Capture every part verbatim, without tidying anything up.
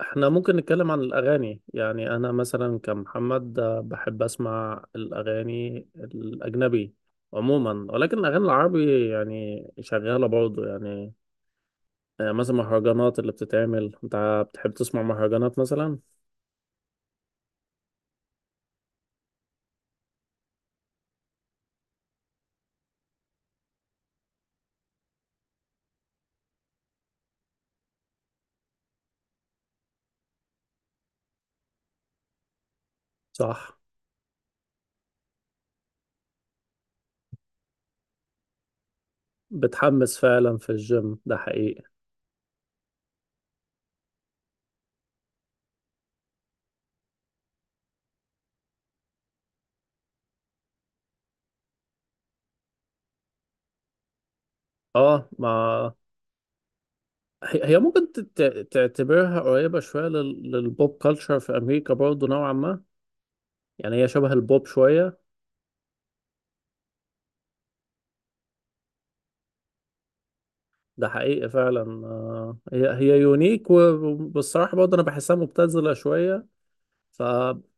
احنا ممكن نتكلم عن الأغاني. يعني أنا مثلا كمحمد، آه، بحب أسمع الأغاني الأجنبي عموما، ولكن الأغاني العربي يعني شغالة برضه. يعني آه، مثلا مهرجانات اللي بتتعمل، أنت بتحب تسمع مهرجانات مثلا؟ صح. بتحمس فعلا في الجيم، ده حقيقي. اه ما هي هي ممكن تت- تعتبرها قريبة شوية لل- للبوب كلتشر في أمريكا برضه نوعا ما. يعني هي شبه البوب شوية. ده حقيقي فعلا. آه، هي هي يونيك، وبالصراحة برضه أنا بحسها مبتذلة شوية. ف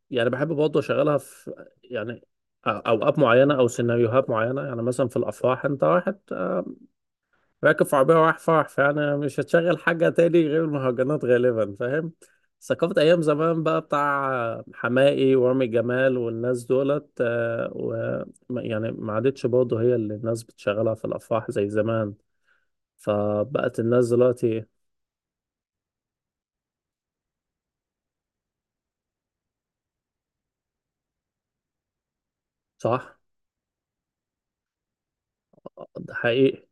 يعني بحب برضه أشغلها في، يعني، أ- أوقات معينة أو سيناريوهات معينة. يعني مثلا في الأفراح، أنت واحد، آه، راكب في عربية ورايح فرح، فيعني مش هتشغل حاجة تاني غير المهرجانات غالبا، فاهم؟ ثقافة أيام زمان بقى بتاع حماقي ورامي جمال والناس دولت، آه، و يعني ما عادتش برضه هي اللي الناس بتشغلها في الأفراح زي زمان. فبقت الناس دلوقتي صح. ده حقيقي.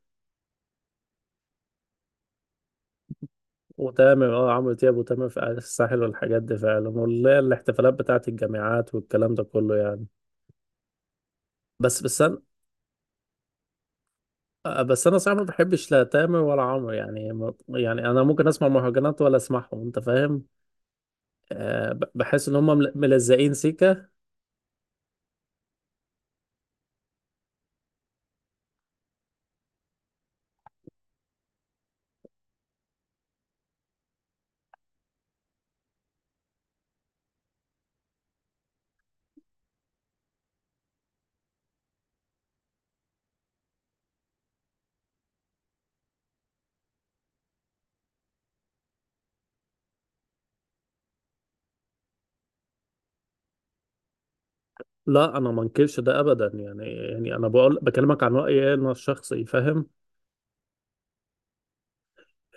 وتامر، اه، عمرو دياب وتامر في قعدة الساحل والحاجات دي فعلا، واللي هي الاحتفالات بتاعت الجامعات والكلام ده كله يعني. بس بس انا، آه، بس انا صراحة ما بحبش لا تامر ولا عمرو. يعني ما- يعني انا ممكن اسمع مهرجانات ولا اسمعهم، انت فاهم؟ أه، ب- بحس ان هم مل- ملزقين سيكة. لا انا ما انكرش ده ابدا. يعني يعني انا بقول بكلمك عن رأيي انا الشخصي، فاهم؟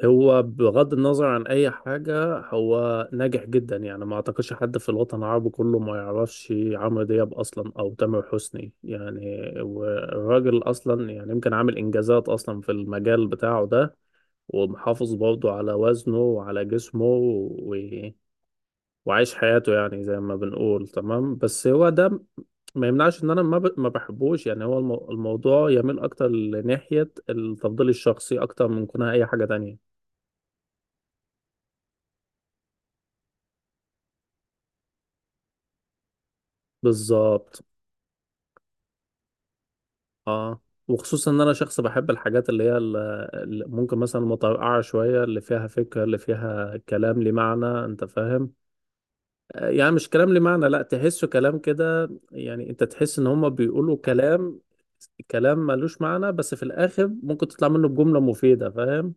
هو بغض النظر عن اي حاجة، هو ناجح جدا. يعني ما اعتقدش حد في الوطن العربي كله ما يعرفش عمرو دياب اصلا او تامر حسني. يعني والراجل اصلا يعني يمكن عامل انجازات اصلا في المجال بتاعه ده، ومحافظ برضه على وزنه وعلى جسمه و... وعايش حياته يعني زي ما بنقول تمام. بس هو ده ما يمنعش ان انا ما ب- ما بحبوش. يعني هو المو... الموضوع يميل اكتر لناحية التفضيل الشخصي اكتر من كونها اي حاجة تانية. بالظبط اه. وخصوصا ان انا شخص بحب الحاجات اللي هي اللي ممكن مثلا متوقعه شويه، اللي فيها فكره، اللي فيها كلام ليه معنى، انت فاهم؟ آه، يعني مش كلام ليه معنى لا، تحسه كلام كده. يعني انت تحس ان هم بيقولوا كلام، كلام ملوش معنى، بس في الاخر ممكن تطلع منه بجمله مفيده، فاهم؟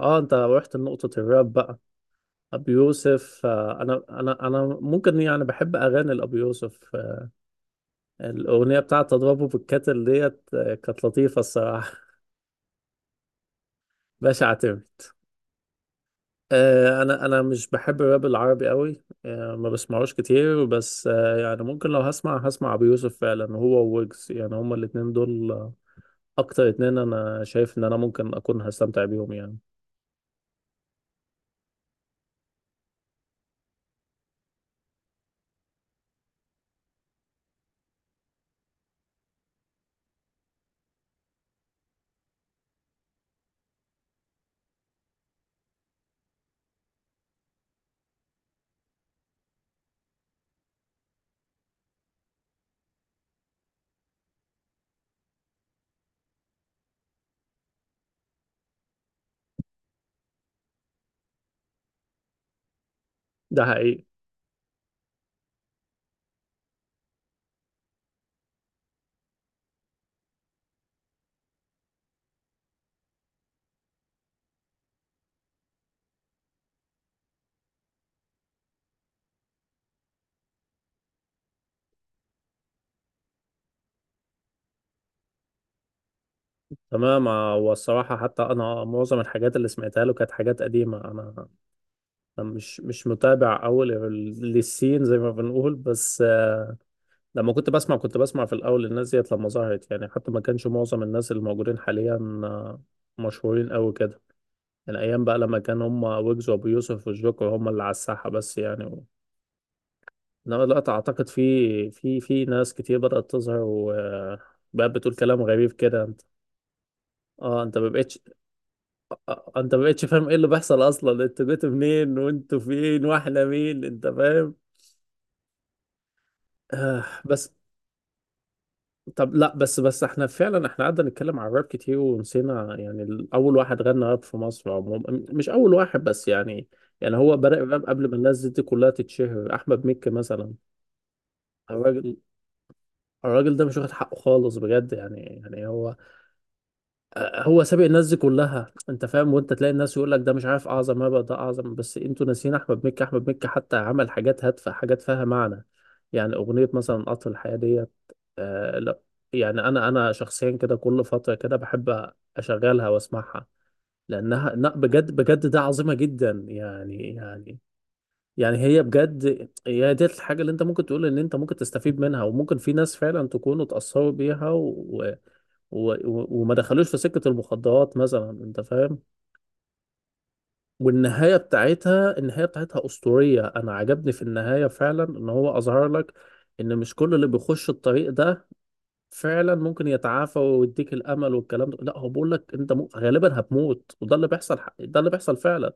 اه انت رحت لنقطه الراب بقى. ابي يوسف، آه، انا انا انا ممكن يعني بحب اغاني لابي يوسف. آه، الاغنيه بتاعت اضربه بالكتل ديت، آه، كانت لطيفه الصراحه. باشا اعتمد. آه، انا انا مش بحب الراب العربي قوي، آه، ما بسمعوش كتير. بس آه، يعني ممكن لو هسمع هسمع ابو يوسف فعلا، هو وويجز. يعني هما الاتنين دول آه، اكتر اتنين انا شايف ان انا ممكن اكون هستمتع بيهم يعني. ده حقيقي. تمام. آه، والصراحة حتى انا معظم الحاجات اللي سمعتها له كانت حاجات قديمة. انا أنا مش مش متابع اول للسين زي ما بنقول. بس آه، لما كنت بسمع، كنت بسمع في الاول الناس ديت لما ظهرت. يعني حتى ما كانش معظم الناس اللي موجودين حاليا آه، مشهورين قوي كده، من ايام بقى لما كان هم ويجز وابو يوسف والجوكر هم اللي على الساحه بس يعني و... انما دلوقتي اعتقد في في في ناس كتير بدات تظهر، وبقى بتقول كلام غريب كده. انت اه، انت ما بقتش، آه، آه، انت ما بقتش فاهم ايه اللي بيحصل اصلا. انتوا جيتوا منين وانتوا فين واحنا مين، انت فاهم؟ آه. بس طب لا، بس بس احنا فعلا احنا قعدنا نتكلم عن الراب كتير ونسينا يعني ال- اول واحد غنى راب في مصر عموما، مش اول واحد بس يعني. يعني هو بدأ الراب قبل ما الناس دي كلها تتشهر، احمد مكي مثلا. الراجل الراجل ده مش واخد حقه خالص بجد. يعني يعني هو هو سابق الناس دي كلها، انت فاهم؟ وانت تلاقي الناس يقول لك ده مش عارف اعظم هبه ده اعظم، بس انتوا ناسيين احمد مكي. احمد مكي حتى عمل حاجات هادفه، حاجات فيها معنى. يعني اغنيه مثلا قطر الحياه ديت. آه لا، يعني انا انا شخصيا كده كل فتره كده بحب اشغلها واسمعها، لانها لا بجد بجد ده عظيمه جدا. يعني يعني يعني هي بجد هي دي الحاجة اللي انت ممكن تقول ان انت ممكن تستفيد منها، وممكن في ناس فعلا تكونوا اتأثروا بيها، و... و... و... وما دخلوش في سكة المخدرات مثلا، انت فاهم؟ والنهاية بتاعتها، النهاية بتاعتها أسطورية. انا عجبني في النهاية فعلا ان هو اظهر لك ان مش كل اللي بيخش الطريق ده فعلا ممكن يتعافى ويديك الامل والكلام ده. لا، هو بيقول لك انت م... غالبا هتموت، وده اللي بيحصل، ح- ده اللي بيحصل فعلا.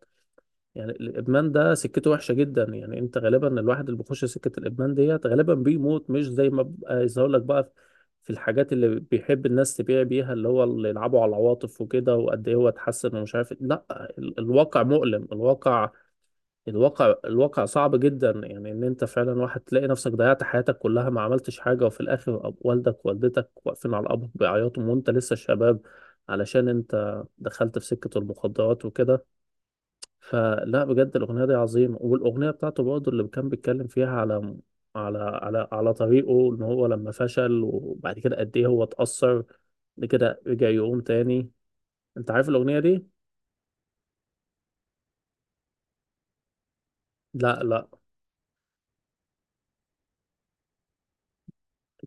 يعني الادمان ده سكته وحشه جدا. يعني انت غالبا الواحد اللي بيخش سكه الادمان ديت غالبا بيموت، مش زي ما بقى يظهر لك بقى في الحاجات اللي بيحب الناس تبيع بيها، اللي هو اللي يلعبوا على العواطف وكده وقد ايه هو اتحسن ومش عارف إيه. لا، ال- الواقع مؤلم. الواقع الواقع الواقع صعب جدا. يعني ان انت فعلا واحد تلاقي نفسك ضيعت حياتك كلها، ما عملتش حاجه، وفي الاخر أب- والدك ووالدتك واقفين على الابر بيعيطوا وانت لسه شباب، علشان انت دخلت في سكه المخدرات وكده. فلا بجد الأغنية دي عظيمة. والأغنية بتاعته برضه اللي كان بيتكلم فيها على على على على طريقه إن هو لما فشل وبعد كده قد إيه هو اتأثر، بعد كده رجع يقوم تاني. أنت عارف الأغنية دي؟ لا لا.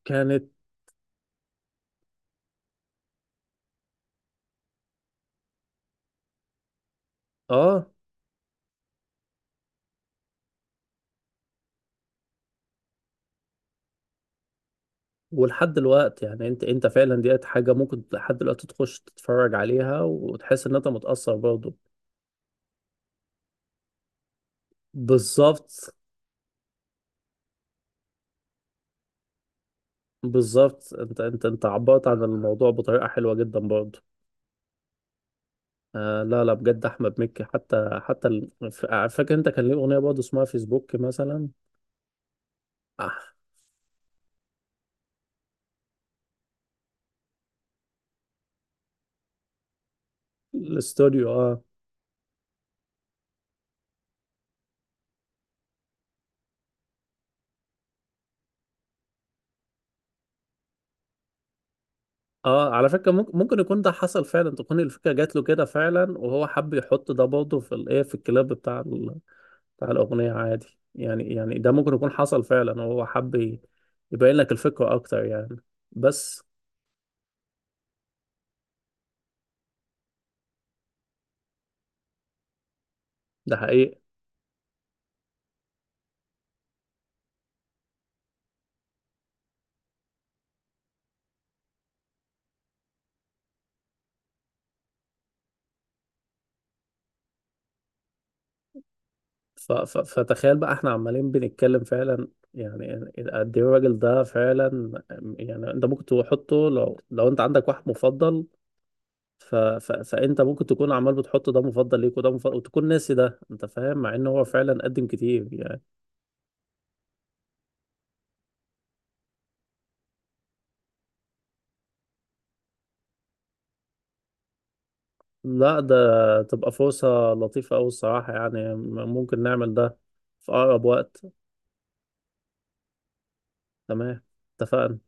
كانت آه. ولحد دلوقتي يعني أنت أنت فعلا ديت حاجة ممكن لحد دلوقتي تخش تتفرج عليها وتحس إن أنت متأثر برضه. بالظبط. بالظبط أنت أنت أنت عبرت عن الموضوع بطريقة حلوة جدا برضه. آه لا لا، بجد احمد مكي، حتى حتى ال- ف- فاكر انت كان ليه اغنيه برضه اسمها فيسبوك مثلا؟ آه الاستوديو اه. اه على فكره ممكن ممكن يكون ده حصل فعلا، تكون الفكره جات له كده فعلا وهو حب يحط ده برضه في الايه، في الكلاب بتاع ال... بتاع الاغنيه عادي. يعني يعني ده ممكن يكون حصل فعلا وهو حب ي- يبين لك الفكره اكتر يعني. بس ده حقيقي. ف- ف- فتخيل بقى احنا عمالين بنتكلم فعلا، يعني قد ايه الراجل ده فعلا. يعني انت ممكن تحطه لو، لو انت عندك واحد مفضل. ف ف فانت ممكن تكون عمال بتحط ده مفضل ليك وده مفضل، وتكون ناسي ده، انت فاهم؟ مع ان هو فعلا قدم كتير يعني. لا ده تبقى فرصة لطيفة قوي الصراحة. يعني م- ممكن نعمل ده في اقرب وقت. تمام. اتفقنا.